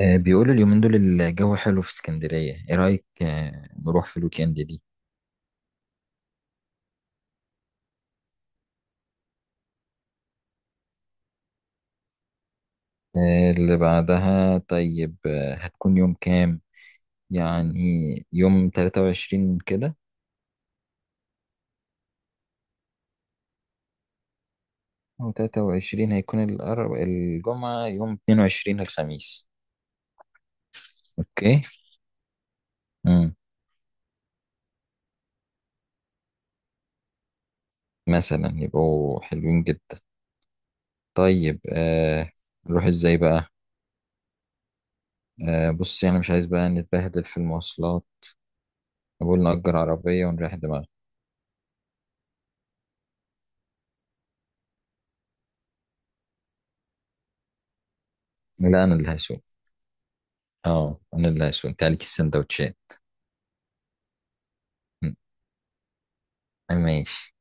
بيقولوا اليومين دول الجو حلو في اسكندرية. ايه رأيك، نروح في الويكند دي؟ اللي بعدها. طيب هتكون يوم كام؟ يعني يوم 23 كده، او 23 هيكون الجمعة، يوم 22 الخميس. اوكي. امم مثلا يبقوا حلوين جدا. طيب نروح ازاي بقى؟ بص، يعني مش عايز بقى نتبهدل في المواصلات. نقول نأجر عربية ونريح دماغنا. لا، انا اللي هسوق. اه، انا اللي شفت عليك السندوتشات. م، ماشي.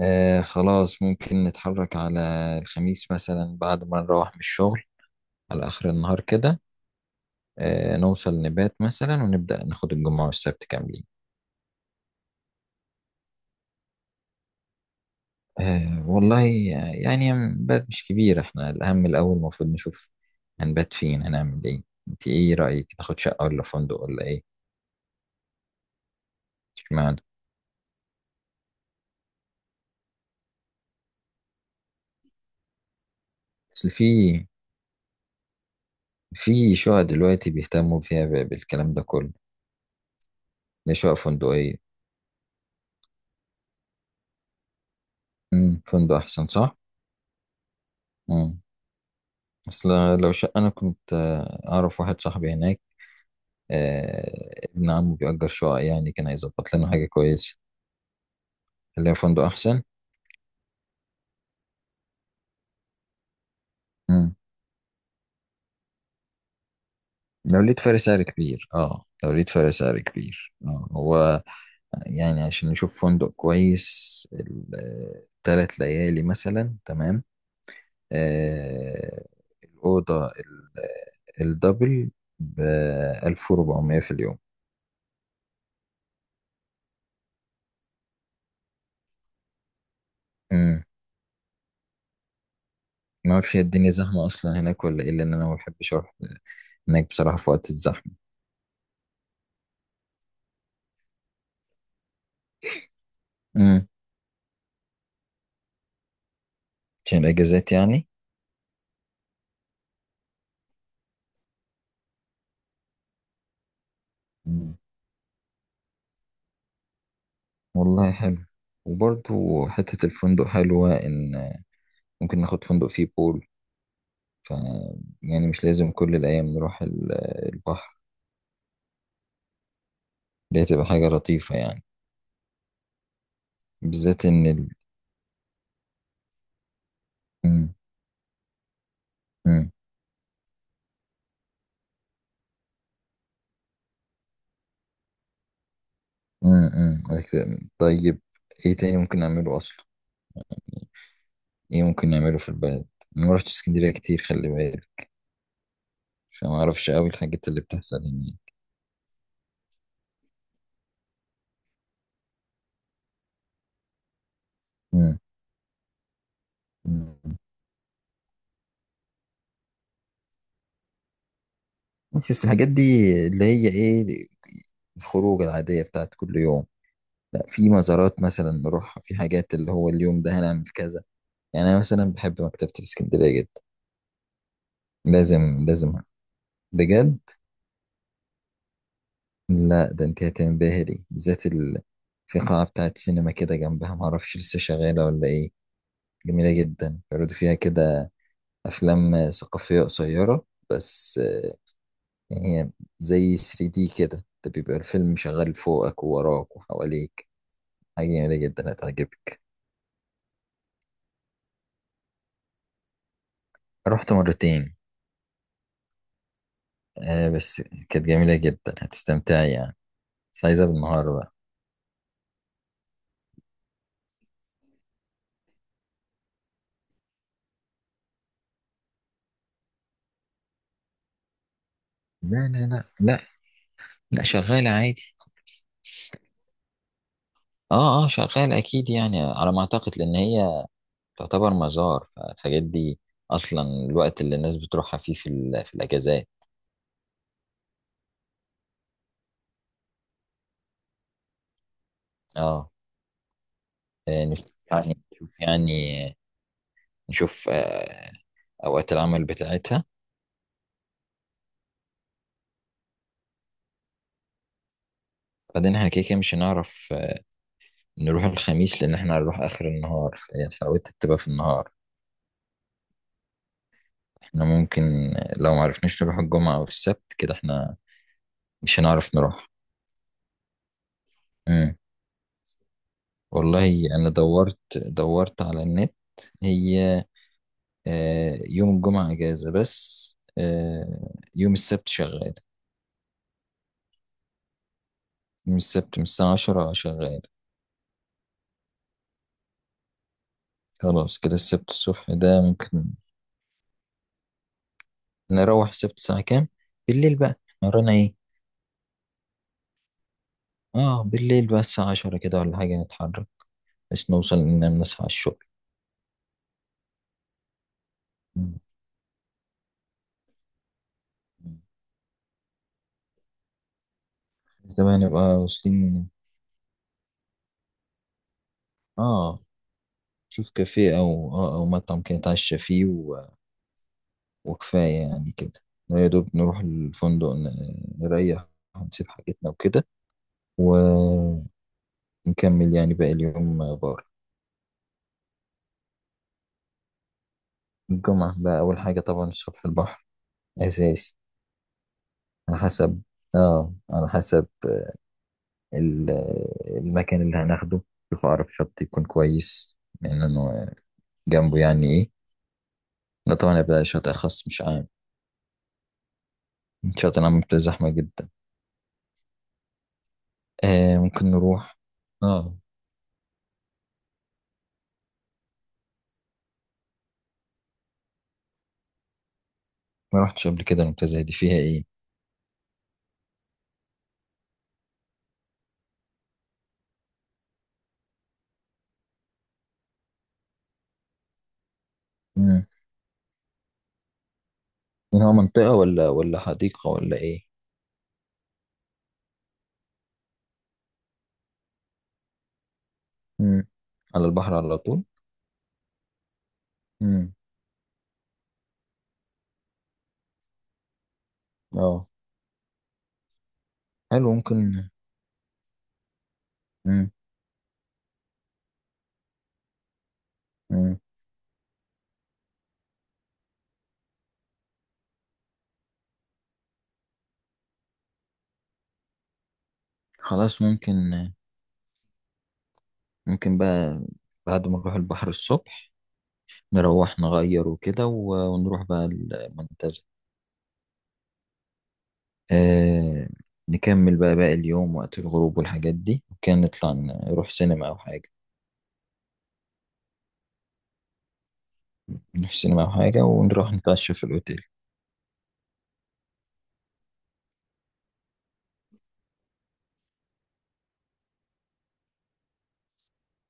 خلاص، ممكن نتحرك على الخميس مثلا بعد ما نروح من الشغل، على اخر النهار كده. نوصل نبات مثلا، ونبدأ ناخد الجمعة والسبت كاملين. والله يعني نبات مش كبير، احنا الاهم الاول المفروض نشوف هنبات فين، هنعمل ايه. انت ايه رأيك، تاخد شقة ولا فندق ولا ايه؟ اشمعنى؟ اصل في، شقق دلوقتي بيهتموا فيها بالكلام ده كله، اللي هي شقق فندقية. فندق احسن، صح؟ امم اصل لو شقه، انا كنت اعرف واحد صاحبي هناك، ابن عمه بيأجر شقق، يعني كان هيظبط لنا حاجه كويسه اللي هي فندق احسن. امم لو لقيت فرق سعر كبير، اه، هو يعني عشان نشوف فندق كويس ال 3 ليالي مثلا، تمام. آه الأوضة الدبل ب 1400 في اليوم. ما اعرفش هي الدنيا زحمه اصلا هناك ولا ايه، لان انا ما بحبش اروح هناك بصراحه في وقت الزحمه. امم عشان الاجازات يعني. مم. والله حلو. وبرضو حته الفندق حلوه ان ممكن ناخد فندق فيه بول، ف يعني مش لازم كل الايام نروح البحر. دي هتبقى حاجه لطيفه يعني. بالذات ان مم. مم. مم. مم. طيب، ايه تاني ممكن نعمله اصلا؟ ايه ممكن نعمله في البلد؟ انا ما رحتش اسكندريه كتير، خلي بالك، فما اعرفش قوي الحاجات اللي بتحصل هناك. مم. مش بس الحاجات دي اللي هي ايه، الخروج العادية بتاعت كل يوم. لا، في مزارات مثلا نروحها، في حاجات اللي هو اليوم ده هنعمل كذا. يعني انا مثلا بحب مكتبة الاسكندرية جدا. لازم، لازم، بجد. لا ده انت هتنبهري، بالذات في قاعة بتاعت سينما كده جنبها، معرفش لسه شغالة ولا ايه. جميلة جدا، بيعرضوا فيها كده أفلام ثقافية قصيرة بس. يعني هي زي 3D كده، ده بيبقى الفيلم شغال فوقك ووراك وحواليك. حاجة جميلة جدا، هتعجبك. رحت مرتين. بس كانت جميلة جدا، هتستمتعي يعني. بس عايزة بالنهار بقى. لا لا لا لا، لا شغال عادي. اه اه، شغال اكيد يعني، على ما اعتقد لان هي تعتبر مزار. فالحاجات دي اصلا الوقت اللي الناس بتروحها فيه في الاجازات. اه، نشوف يعني، نشوف اوقات العمل بتاعتها. بعدين احنا كده كده مش هنعرف نروح الخميس، لان احنا هنروح اخر النهار فهي حلاوتها بتبقى في النهار. احنا ممكن، لو معرفناش نروح الجمعة أو السبت كده، احنا مش هنعرف نروح. امم والله أنا دورت دورت على النت. هي يوم الجمعة إجازة، بس يوم السبت شغال. يوم السبت من الساعة 10 شغال. خلاص كده، السبت الصبح ده ممكن. نروح السبت الساعة كام؟ بالليل بقى ورانا ايه؟ اه، بالليل بقى الساعة 10 كده ولا حاجة نتحرك، بس نوصل إن نصحى على الشغل. مم. زمان نبقى واصلين. اه، شوف كافيه أو مطعم كده نتعشى فيه وكفاية يعني كده. يا دوب نروح الفندق، نريح، نسيب حاجتنا وكده، ونكمل يعني باقي اليوم بره. الجمعة بقى، أول حاجة طبعا الصبح البحر، أساسي. على حسب، اه على حسب ال- المكان اللي هناخده. شوف أقرب شط يكون كويس، لأنه جنبه يعني إيه. ده طبعا يبقى شاطئ خاص مش عام، شاطئ عام بتبقى زحمة جدا. ممكن نروح. اه، ما رحتش قبل كده. منطقة زي دي فيها ايه؟ امم هو منطقة، ولا حديقة، ولا ايه؟ امم على البحر على طول. امم اه، حلو ممكن. مم. مم. خلاص ممكن، بقى بعد ما نروح البحر الصبح، نروح نغير وكده ونروح بقى المنتزه. آه نكمل بقى باقي اليوم وقت الغروب والحاجات دي، وكان نطلع نروح سينما أو حاجة. نروح سينما أو حاجة، ونروح نتعشى في الأوتيل.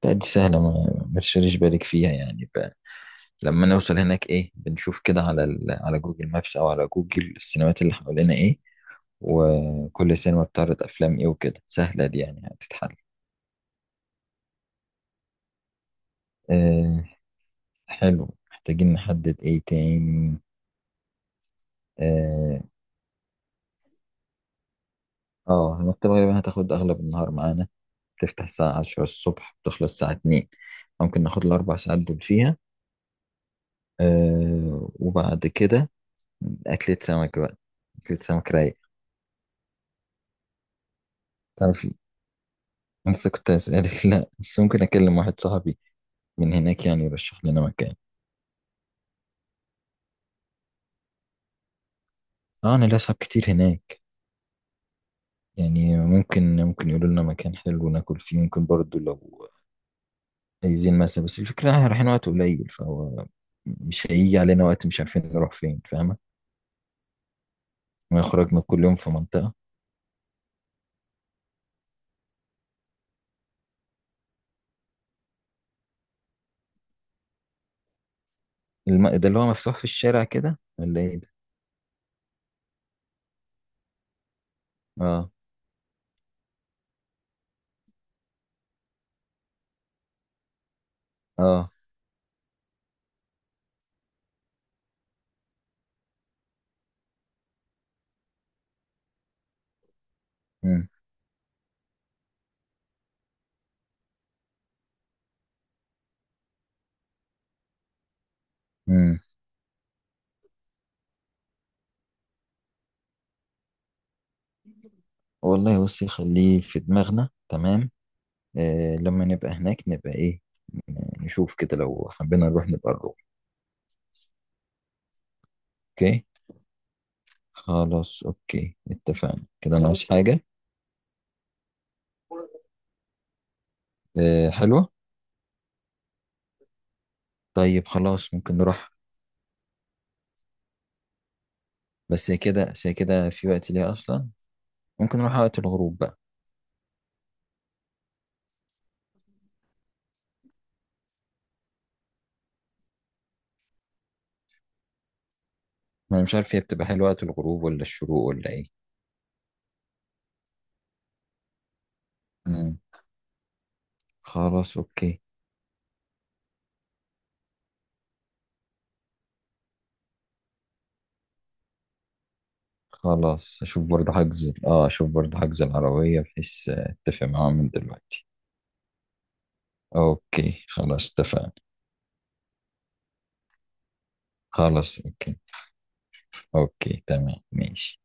لا دي سهلة، ما تشغليش بالك فيها يعني. لما نوصل هناك، ايه، بنشوف كده على جوجل مابس، او على جوجل السينمات اللي حوالينا ايه، وكل سينما بتعرض افلام ايه وكده. سهلة دي يعني، هتتحل. آه حلو، محتاجين نحدد ايه تاني؟ اه، المكتبة غالبا هتاخد اغلب النهار معانا، تفتح الساعة 10 الصبح بتخلص الساعة 2. ممكن ناخد ال 4 ساعات دول فيها. وبعد كده اكلة سمك بقى، اكلة سمك رايق. تعرفي، أنا لسه كنت هسألك لا بس ممكن أكلم واحد صاحبي من هناك، يعني يرشح لنا مكان. اه، نلاقي صحاب كتير هناك، يعني ممكن، يقولوا لنا مكان حلو ناكل فيه، ممكن برضو لو عايزين مثلا. بس الفكرة احنا رايحين وقت قليل، فهو مش هيجي علينا وقت مش عارفين نروح فين، فاهمة؟ ونخرجنا كل يوم في منطقة. ده اللي هو مفتوح في الشارع كده ولا ايه ده؟ اه اه، امم امم والله بصي خليه في دماغنا، تمام. لما نبقى هناك، نبقى ايه، نشوف كده لو حبينا نروح نبقى نروح. اوكي. خلاص أوكي، اتفقنا كده. أنا عايز حاجة. حلوة. طيب خلاص ممكن نروح. بس هي كده في وقت ليها أصلا، ممكن نروح وقت الغروب بقى. ما أنا مش عارف هي بتبقى حلوة وقت الغروب ولا الشروق ولا إيه. مم. خلاص أوكي. خلاص، أشوف برضه حجز العربية، بحيث أتفق معاهم من دلوقتي. أوكي خلاص، اتفقنا. خلاص أوكي، أوكي تمام ماشي.